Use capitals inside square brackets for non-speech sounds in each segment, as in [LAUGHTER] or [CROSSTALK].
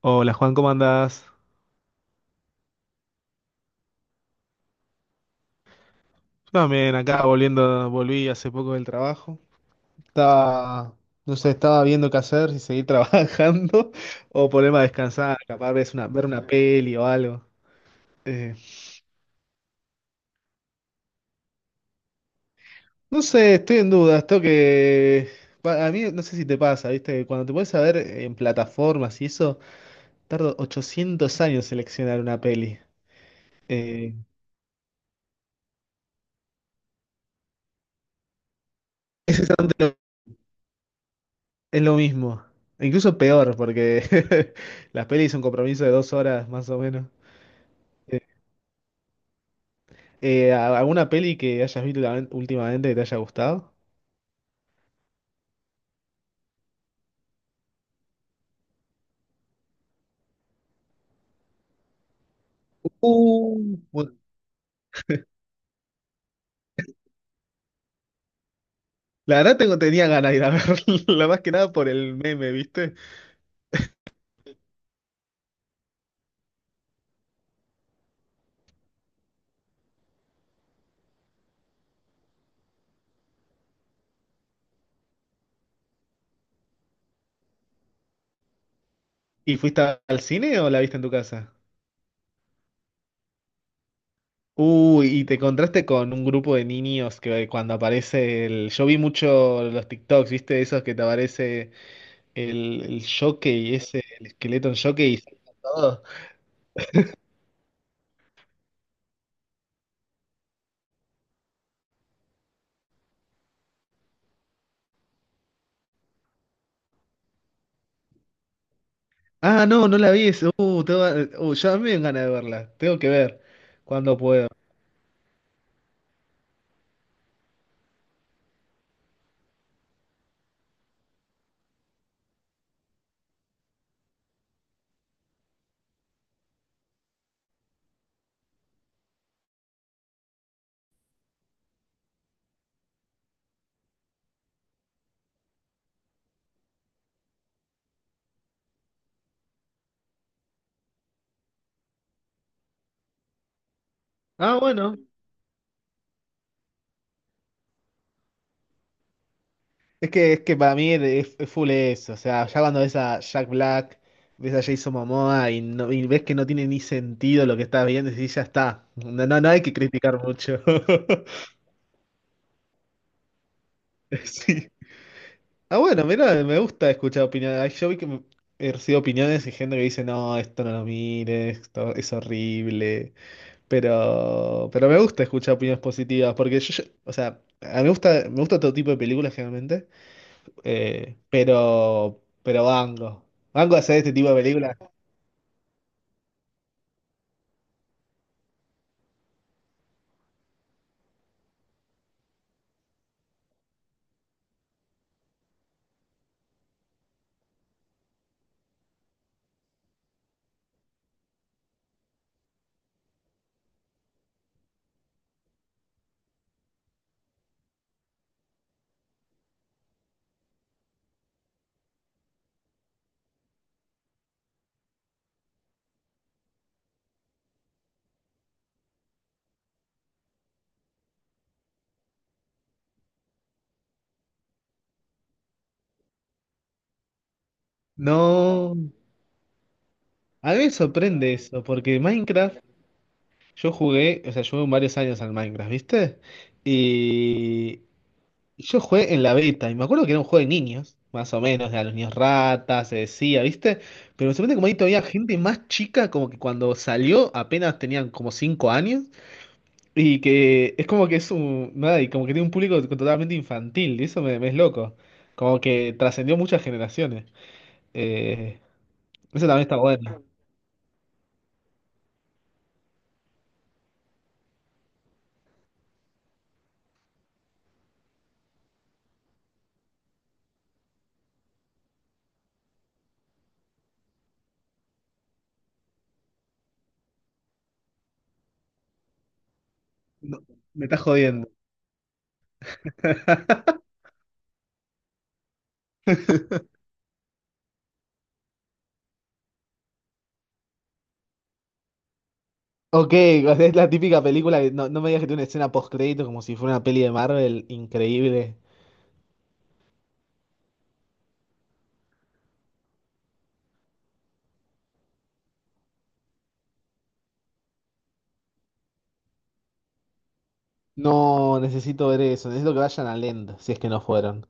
Hola Juan, ¿cómo andás? Yo también acá volviendo, volví hace poco del trabajo. Estaba, no sé, estaba viendo qué hacer, si seguir [LAUGHS] trabajando o ponerme a descansar, capaz ver una peli o algo. Eh, no sé, estoy en duda, esto que... A mí no sé si te pasa, ¿viste? Cuando te puedes ver en plataformas y eso, tardo 800 años en seleccionar una peli. Eh, [LAUGHS] es exactamente lo, es lo mismo, incluso peor, porque [LAUGHS] las pelis son un compromiso de dos horas más o menos. ¿Alguna peli que hayas visto últimamente que te haya gustado? Bueno, la verdad tenía ganas de ir a verla, [LAUGHS] más que nada por el meme, ¿viste? ¿Y fuiste al cine o la viste en tu casa? Uy, y te encontraste con un grupo de niños que cuando aparece el... Yo vi mucho los TikToks, ¿viste? Esos que te aparece el jockey, ese, el esqueleto en jockey y saltan todos. Ah, no, no la vi eso. Ya me dan ganas de verla. Tengo que ver cuando puedo. Ah, bueno. Es que para mí es full eso, o sea, ya cuando ves a Jack Black, ves a Jason Momoa y, no, y ves que no tiene ni sentido lo que estás viendo, y decís, ya está, no, no, no hay que criticar mucho. [LAUGHS] Sí. Ah, bueno, mira, me gusta escuchar opiniones. Ay, yo vi que he recibido opiniones y gente que dice, no, esto no lo mires, esto es horrible, pero me gusta escuchar opiniones positivas, porque o sea, a mí me gusta todo tipo de películas generalmente. Pero Bango. Bango hacer este tipo de películas. No, a mí me sorprende eso, porque Minecraft, yo jugué, o sea, yo jugué varios años al Minecraft, ¿viste? Y y yo jugué en la beta, y me acuerdo que era un juego de niños, más o menos, de a los niños ratas, se decía, ¿viste? Pero me sorprende como ahí todavía gente más chica, como que cuando salió apenas tenían como 5 años. Y que es como que es un, nada, y como que tiene un público totalmente infantil, y eso me es loco. Como que trascendió muchas generaciones. Eh, eso también está bueno. No, me estás jodiendo. [LAUGHS] Ok, o sea, es la típica película que no, no me digas que tiene una escena post crédito como si fuera una peli de Marvel increíble. No, necesito ver eso, necesito que vayan a Land, si es que no fueron.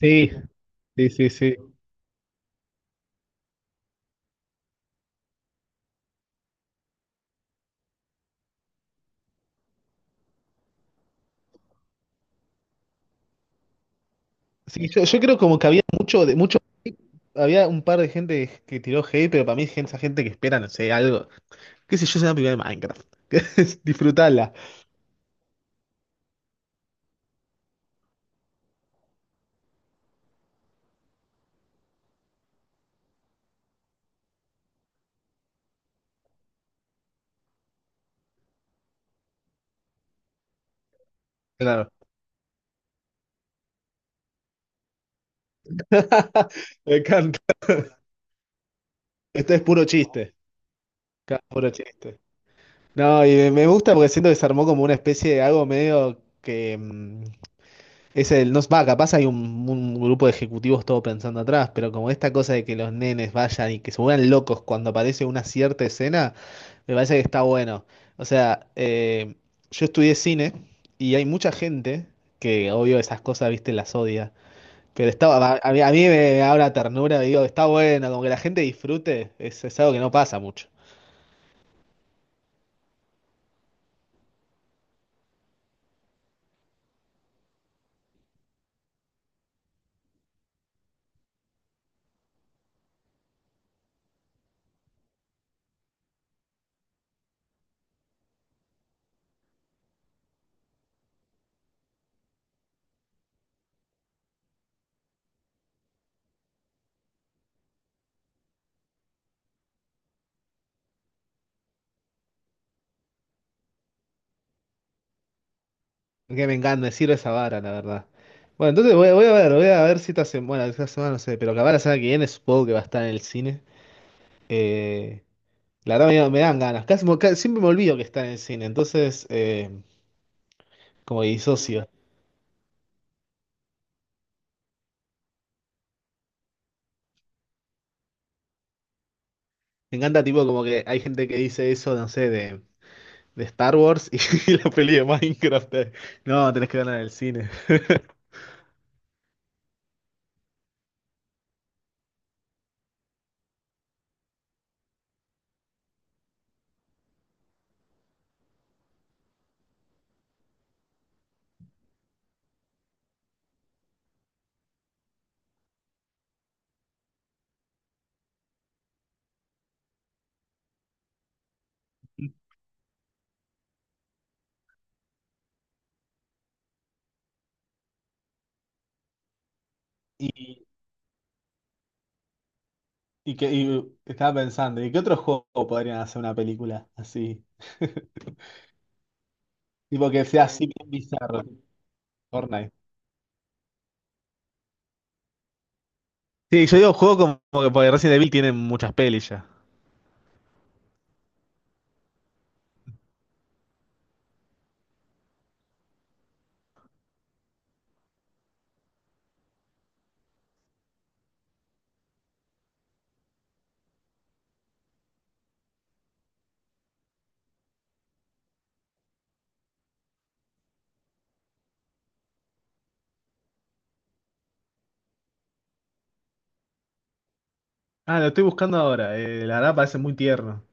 Sí, sí, sí, sí. Sí, yo creo como que había un par de gente que tiró hate, pero para mí es esa gente que espera, no sé, algo. Qué sé yo, es una película de Minecraft. [LAUGHS] Disfrutala. Claro. [LAUGHS] Me encanta. Esto es puro chiste. Claro, puro chiste. No, y me gusta porque siento que se armó como una especie de algo medio que es el no va, capaz hay un grupo de ejecutivos todo pensando atrás, pero como esta cosa de que los nenes vayan y que se vuelvan locos cuando aparece una cierta escena, me parece que está bueno. O sea, yo estudié cine y hay mucha gente que obvio esas cosas, viste, las odia. Pero está, a mí me habla ternura, digo, está bueno, como que la gente disfrute, es algo que no pasa mucho. Que me encanta, me sirve esa vara, la verdad. Bueno, entonces voy a ver si esta semana, bueno, esta semana no sé, pero capaz la semana que viene supongo que va a estar en el cine. Eh, la verdad me dan ganas, siempre me olvido que está en el cine, entonces como que disocio. Me encanta tipo como que hay gente que dice eso, no sé, de Star Wars y, [LAUGHS] la peli de Minecraft. No, tenés que verla en el cine. [LAUGHS] Y, y estaba pensando, ¿y qué otro juego podrían hacer una película así? [LAUGHS] Tipo que sea así bien bizarro, tipo Fortnite. Sí, yo digo juego como que porque Resident Evil tiene muchas pelis ya. Ah, lo estoy buscando ahora. Eh, la verdad parece muy tierno.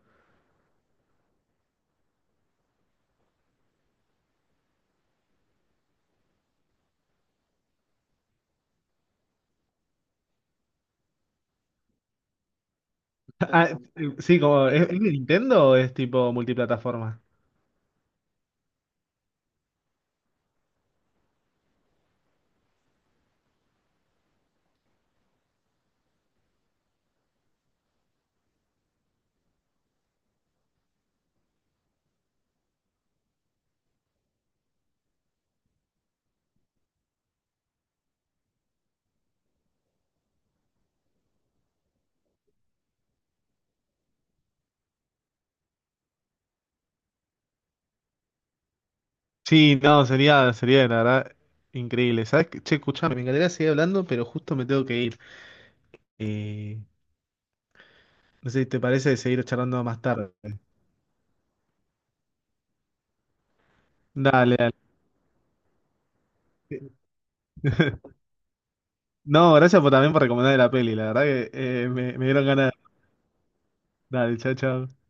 [LAUGHS] Ah, sí, como es de Nintendo o es tipo multiplataforma? Sí, no, sería la verdad increíble. ¿Sabes qué? Che, escuchame, me encantaría seguir hablando, pero justo me tengo que ir. Eh, no sé si te parece seguir charlando más tarde. Dale, dale. [LAUGHS] No, gracias por, también por recomendarme la peli. La verdad que me dieron ganas. Dale, chao, chao.